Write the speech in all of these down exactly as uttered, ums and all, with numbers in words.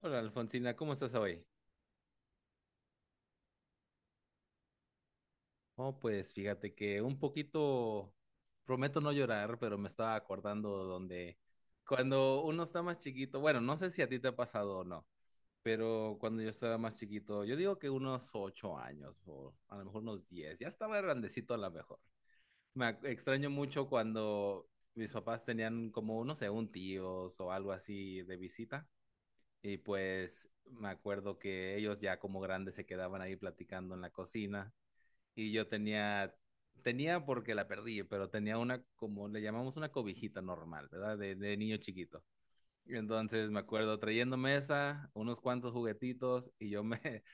Hola, Alfonsina, ¿cómo estás hoy? Oh, pues fíjate que un poquito, prometo no llorar, pero me estaba acordando donde cuando uno está más chiquito, bueno, no sé si a ti te ha pasado o no, pero cuando yo estaba más chiquito, yo digo que unos ocho años o a lo mejor unos diez, ya estaba grandecito a lo mejor. Me ac- extraño mucho cuando mis papás tenían como, no sé, un tíos o algo así de visita. Y pues me acuerdo que ellos ya como grandes se quedaban ahí platicando en la cocina y yo tenía, tenía porque la perdí, pero tenía una, como le llamamos, una cobijita normal, ¿verdad? De, de niño chiquito. Y entonces me acuerdo trayéndome esa, unos cuantos juguetitos y yo me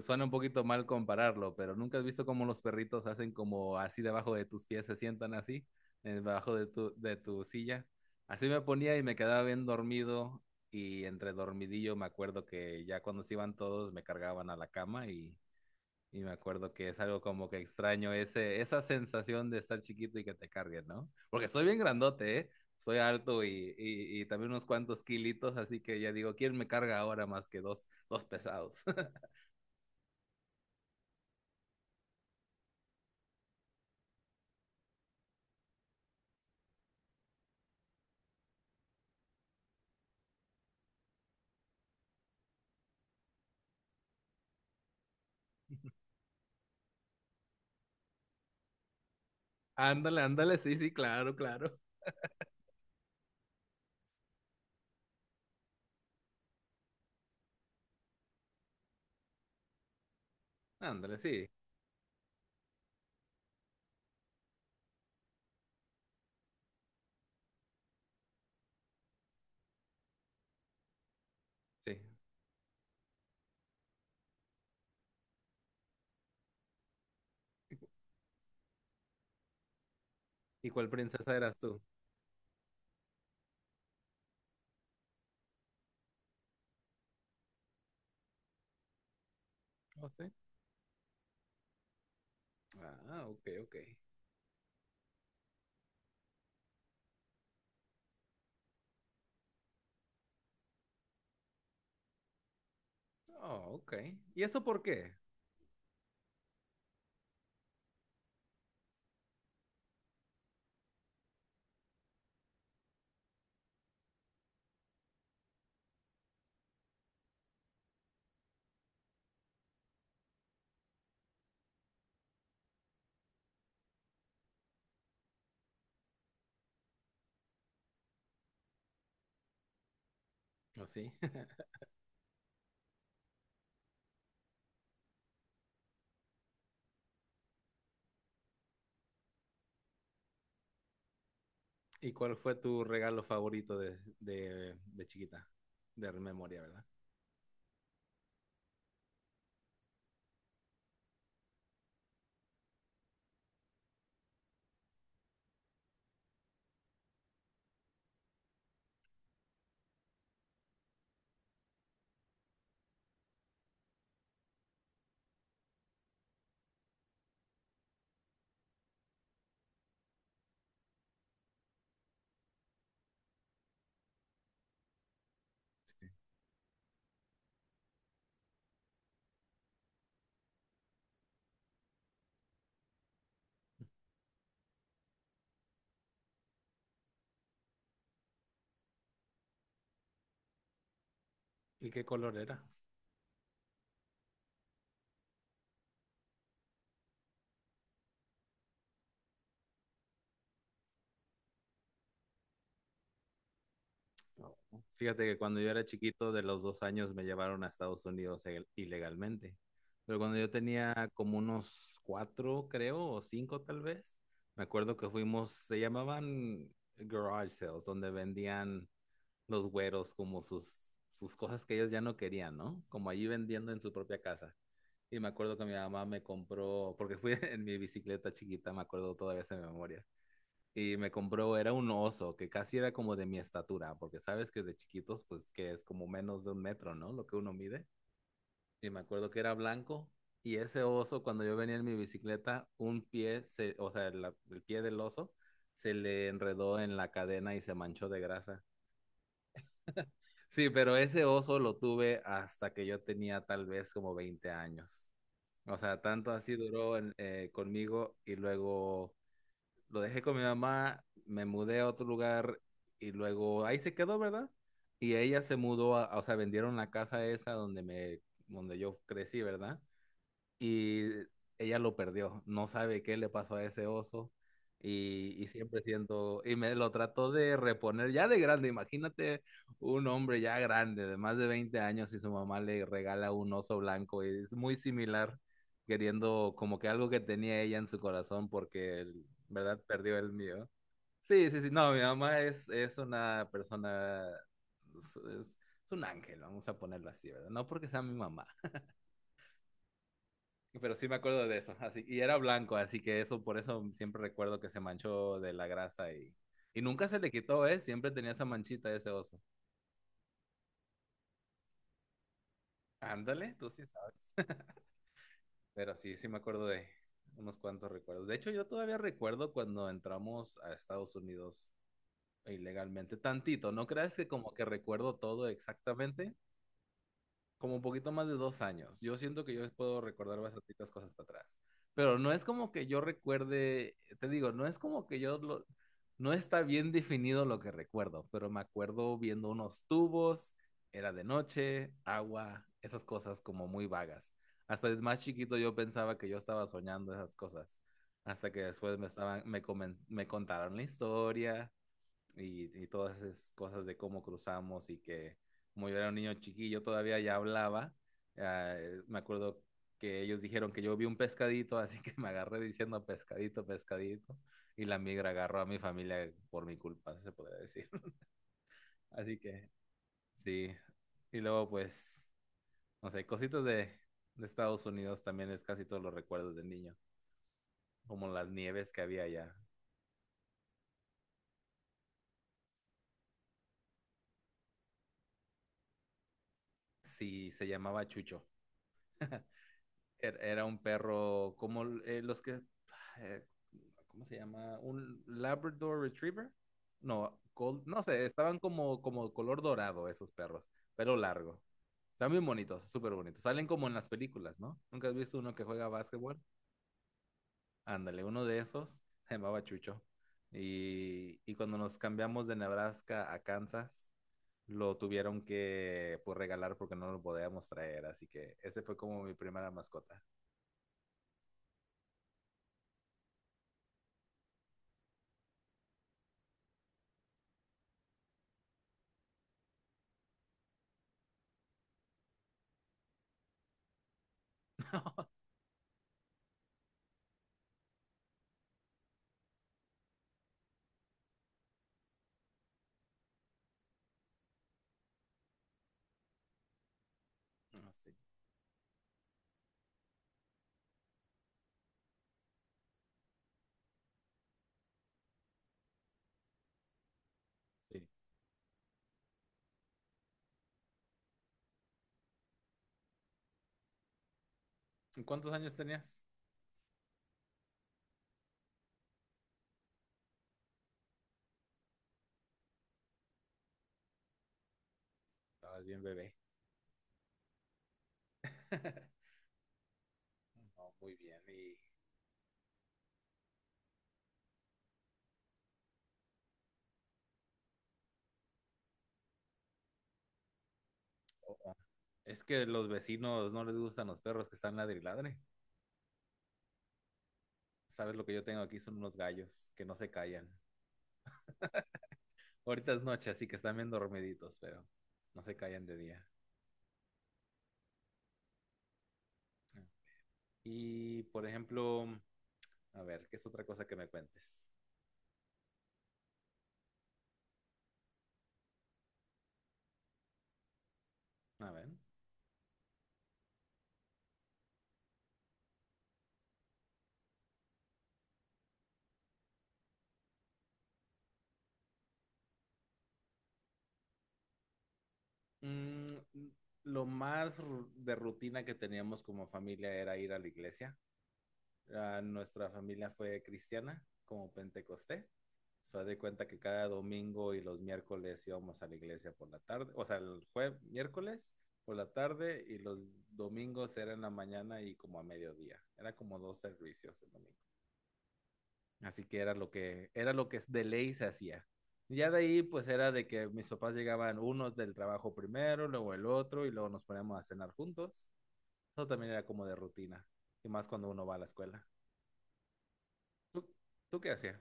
suena un poquito mal compararlo, pero nunca has visto cómo los perritos hacen como así debajo de tus pies, se sientan así, debajo de tu, de tu silla. Así me ponía y me quedaba bien dormido, y entre dormidillo me acuerdo que ya cuando se iban todos me cargaban a la cama, y y me acuerdo que es algo como que extraño ese, esa sensación de estar chiquito y que te carguen, ¿no? Porque estoy bien grandote, ¿eh? Soy alto y, y, y también unos cuantos kilitos, así que ya digo, ¿quién me carga ahora más que dos, dos pesados? Ándale, ándale, sí, sí, claro, claro. Ándale, sí, sí. ¿Y cuál princesa eras tú? Oh, sí. Ah, ok, ok. Oh, ok. ¿Y eso por qué? Oh, sí. ¿Y cuál fue tu regalo favorito de, de, de chiquita? De memoria, ¿verdad? Sí. ¿Y qué color era? Fíjate que cuando yo era chiquito, de los dos años, me llevaron a Estados Unidos e- ilegalmente. Pero cuando yo tenía como unos cuatro, creo, o cinco tal vez, me acuerdo que fuimos, se llamaban garage sales, donde vendían los güeros como sus, sus cosas que ellos ya no querían, ¿no? Como allí vendiendo en su propia casa. Y me acuerdo que mi mamá me compró, porque fui en mi bicicleta chiquita, me acuerdo todavía esa memoria, y me compró, era un oso que casi era como de mi estatura, porque sabes que de chiquitos, pues, que es como menos de un metro, ¿no? Lo que uno mide. Y me acuerdo que era blanco, y ese oso, cuando yo venía en mi bicicleta, un pie, se, o sea, la- el pie del oso se le enredó en la cadena y se manchó de grasa. Sí, pero ese oso lo tuve hasta que yo tenía tal vez como veinte años. O sea, tanto así duró en- eh, conmigo, y luego lo dejé con mi mamá, me mudé a otro lugar y luego ahí se quedó, ¿verdad? Y ella se mudó, a, o sea, vendieron la casa esa donde me, donde yo crecí, ¿verdad? Y ella lo perdió. No sabe qué le pasó a ese oso, y, y siempre siento, y me lo trató de reponer ya de grande. Imagínate un hombre ya grande, de más de veinte años, y su mamá le regala un oso blanco y es muy similar, queriendo como que algo que tenía ella en su corazón porque él, ¿verdad?, perdió el mío. Sí, sí, sí, no, mi mamá es, es una persona, es, es es un ángel, vamos a ponerlo así, ¿verdad? No porque sea mi mamá, pero sí me acuerdo de eso. Así, y era blanco, así que eso, por eso siempre recuerdo que se manchó de la grasa, y, y nunca se le quitó, ¿eh? Siempre tenía esa manchita ese oso. Ándale, tú sí sabes. Pero sí, sí me acuerdo de unos cuantos recuerdos. De hecho, yo todavía recuerdo cuando entramos a Estados Unidos ilegalmente, tantito. No creas que como que recuerdo todo exactamente, como un poquito más de dos años. Yo siento que yo les puedo recordar bastantitas cosas para atrás. Pero no es como que yo recuerde, te digo, no es como que yo lo, no está bien definido lo que recuerdo, pero me acuerdo viendo unos tubos, era de noche, agua, esas cosas como muy vagas. Hasta de más chiquito yo pensaba que yo estaba soñando esas cosas, hasta que después me estaban, me, comen- me contaron la historia, y, y todas esas cosas de cómo cruzamos, y que como yo era un niño chiquillo todavía ya hablaba, ah, eh, me acuerdo que ellos dijeron que yo vi un pescadito, así que me agarré diciendo pescadito, pescadito, y la migra agarró a mi familia por mi culpa, se podría decir. Así que sí, y luego, pues, no sé, cositas de, de Estados Unidos también es casi todos los recuerdos de niño, como las nieves que había allá. Sí, se llamaba Chucho. er, Era un perro como eh, los que, eh, ¿cómo se llama? ¿Un Labrador Retriever? No, Gold- no sé, estaban como, como color dorado esos perros, pelo largo. Están bien bonitos, súper bonitos. Salen como en las películas, ¿no? ¿Nunca has visto uno que juega básquetbol? Ándale, uno de esos se llamaba Chucho. Y, y cuando nos cambiamos de Nebraska a Kansas, lo tuvieron que, pues, regalar porque no lo podíamos traer. Así que ese fue como mi primera mascota. Así. Sí. ¿Y ¿cuántos años tenías? Estabas bien bebé. No, muy bien. Y oh, oh, es que los vecinos no les gustan los perros que están ladriladre. Sabes, lo que yo tengo aquí son unos gallos que no se callan. Ahorita es noche, así que están bien dormiditos, pero no se callan de día. Ah. Y por ejemplo, a ver, ¿qué es otra cosa que me cuentes? A ver. Mm, lo más ru- de rutina que teníamos como familia era ir a la iglesia. Ah, nuestra familia fue cristiana, como pentecosté. Se de cuenta que cada domingo y los miércoles íbamos a la iglesia por la tarde, o sea, el jueves, miércoles por la tarde, y los domingos era en la mañana y como a mediodía. Era como dos servicios el domingo. Así que era lo que, era lo que de ley se hacía. Ya de ahí pues era de que mis papás llegaban unos del trabajo primero, luego el otro, y luego nos poníamos a cenar juntos. Eso también era como de rutina, y más cuando uno va a la escuela. ¿Tú, tú qué hacías?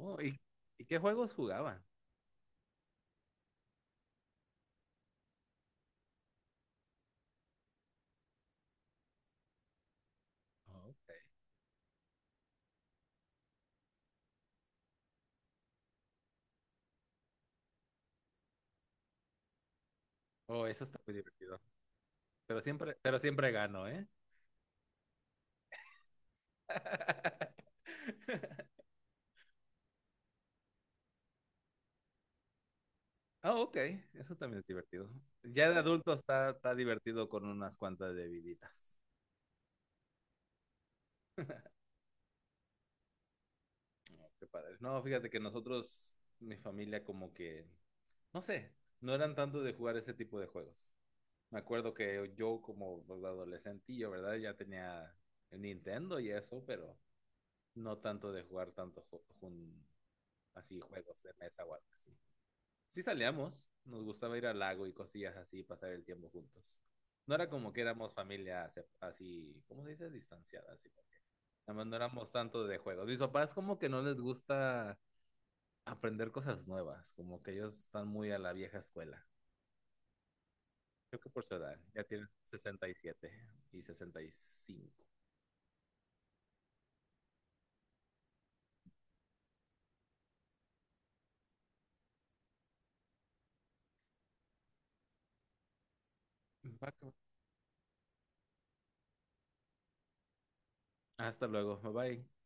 Oh, ¿y, y qué juegos jugaban? Oh, ok. Oh, eso está muy divertido. Pero siempre, pero siempre gano, ¿eh? Ah, ok. Eso también es divertido. Ya de adulto está, está divertido con unas cuantas bebiditas. Qué padre. No, fíjate que nosotros, mi familia, como que, no sé, no eran tanto de jugar ese tipo de juegos. Me acuerdo que yo como adolescentillo, ¿verdad? Ya tenía el Nintendo y eso, pero no tanto de jugar tanto ju- jun- así juegos de mesa o algo así. Sí salíamos, nos gustaba ir al lago y cosillas así, pasar el tiempo juntos. No era como que éramos familia se- así, ¿cómo se dice? Distanciada, así. Nada más no éramos tanto de juegos. Mis papás como que no les gusta aprender cosas nuevas, como que ellos están muy a la vieja escuela. Creo que por su edad, ya tienen sesenta y sesenta y cinco. Va que va. Hasta luego, bye bye.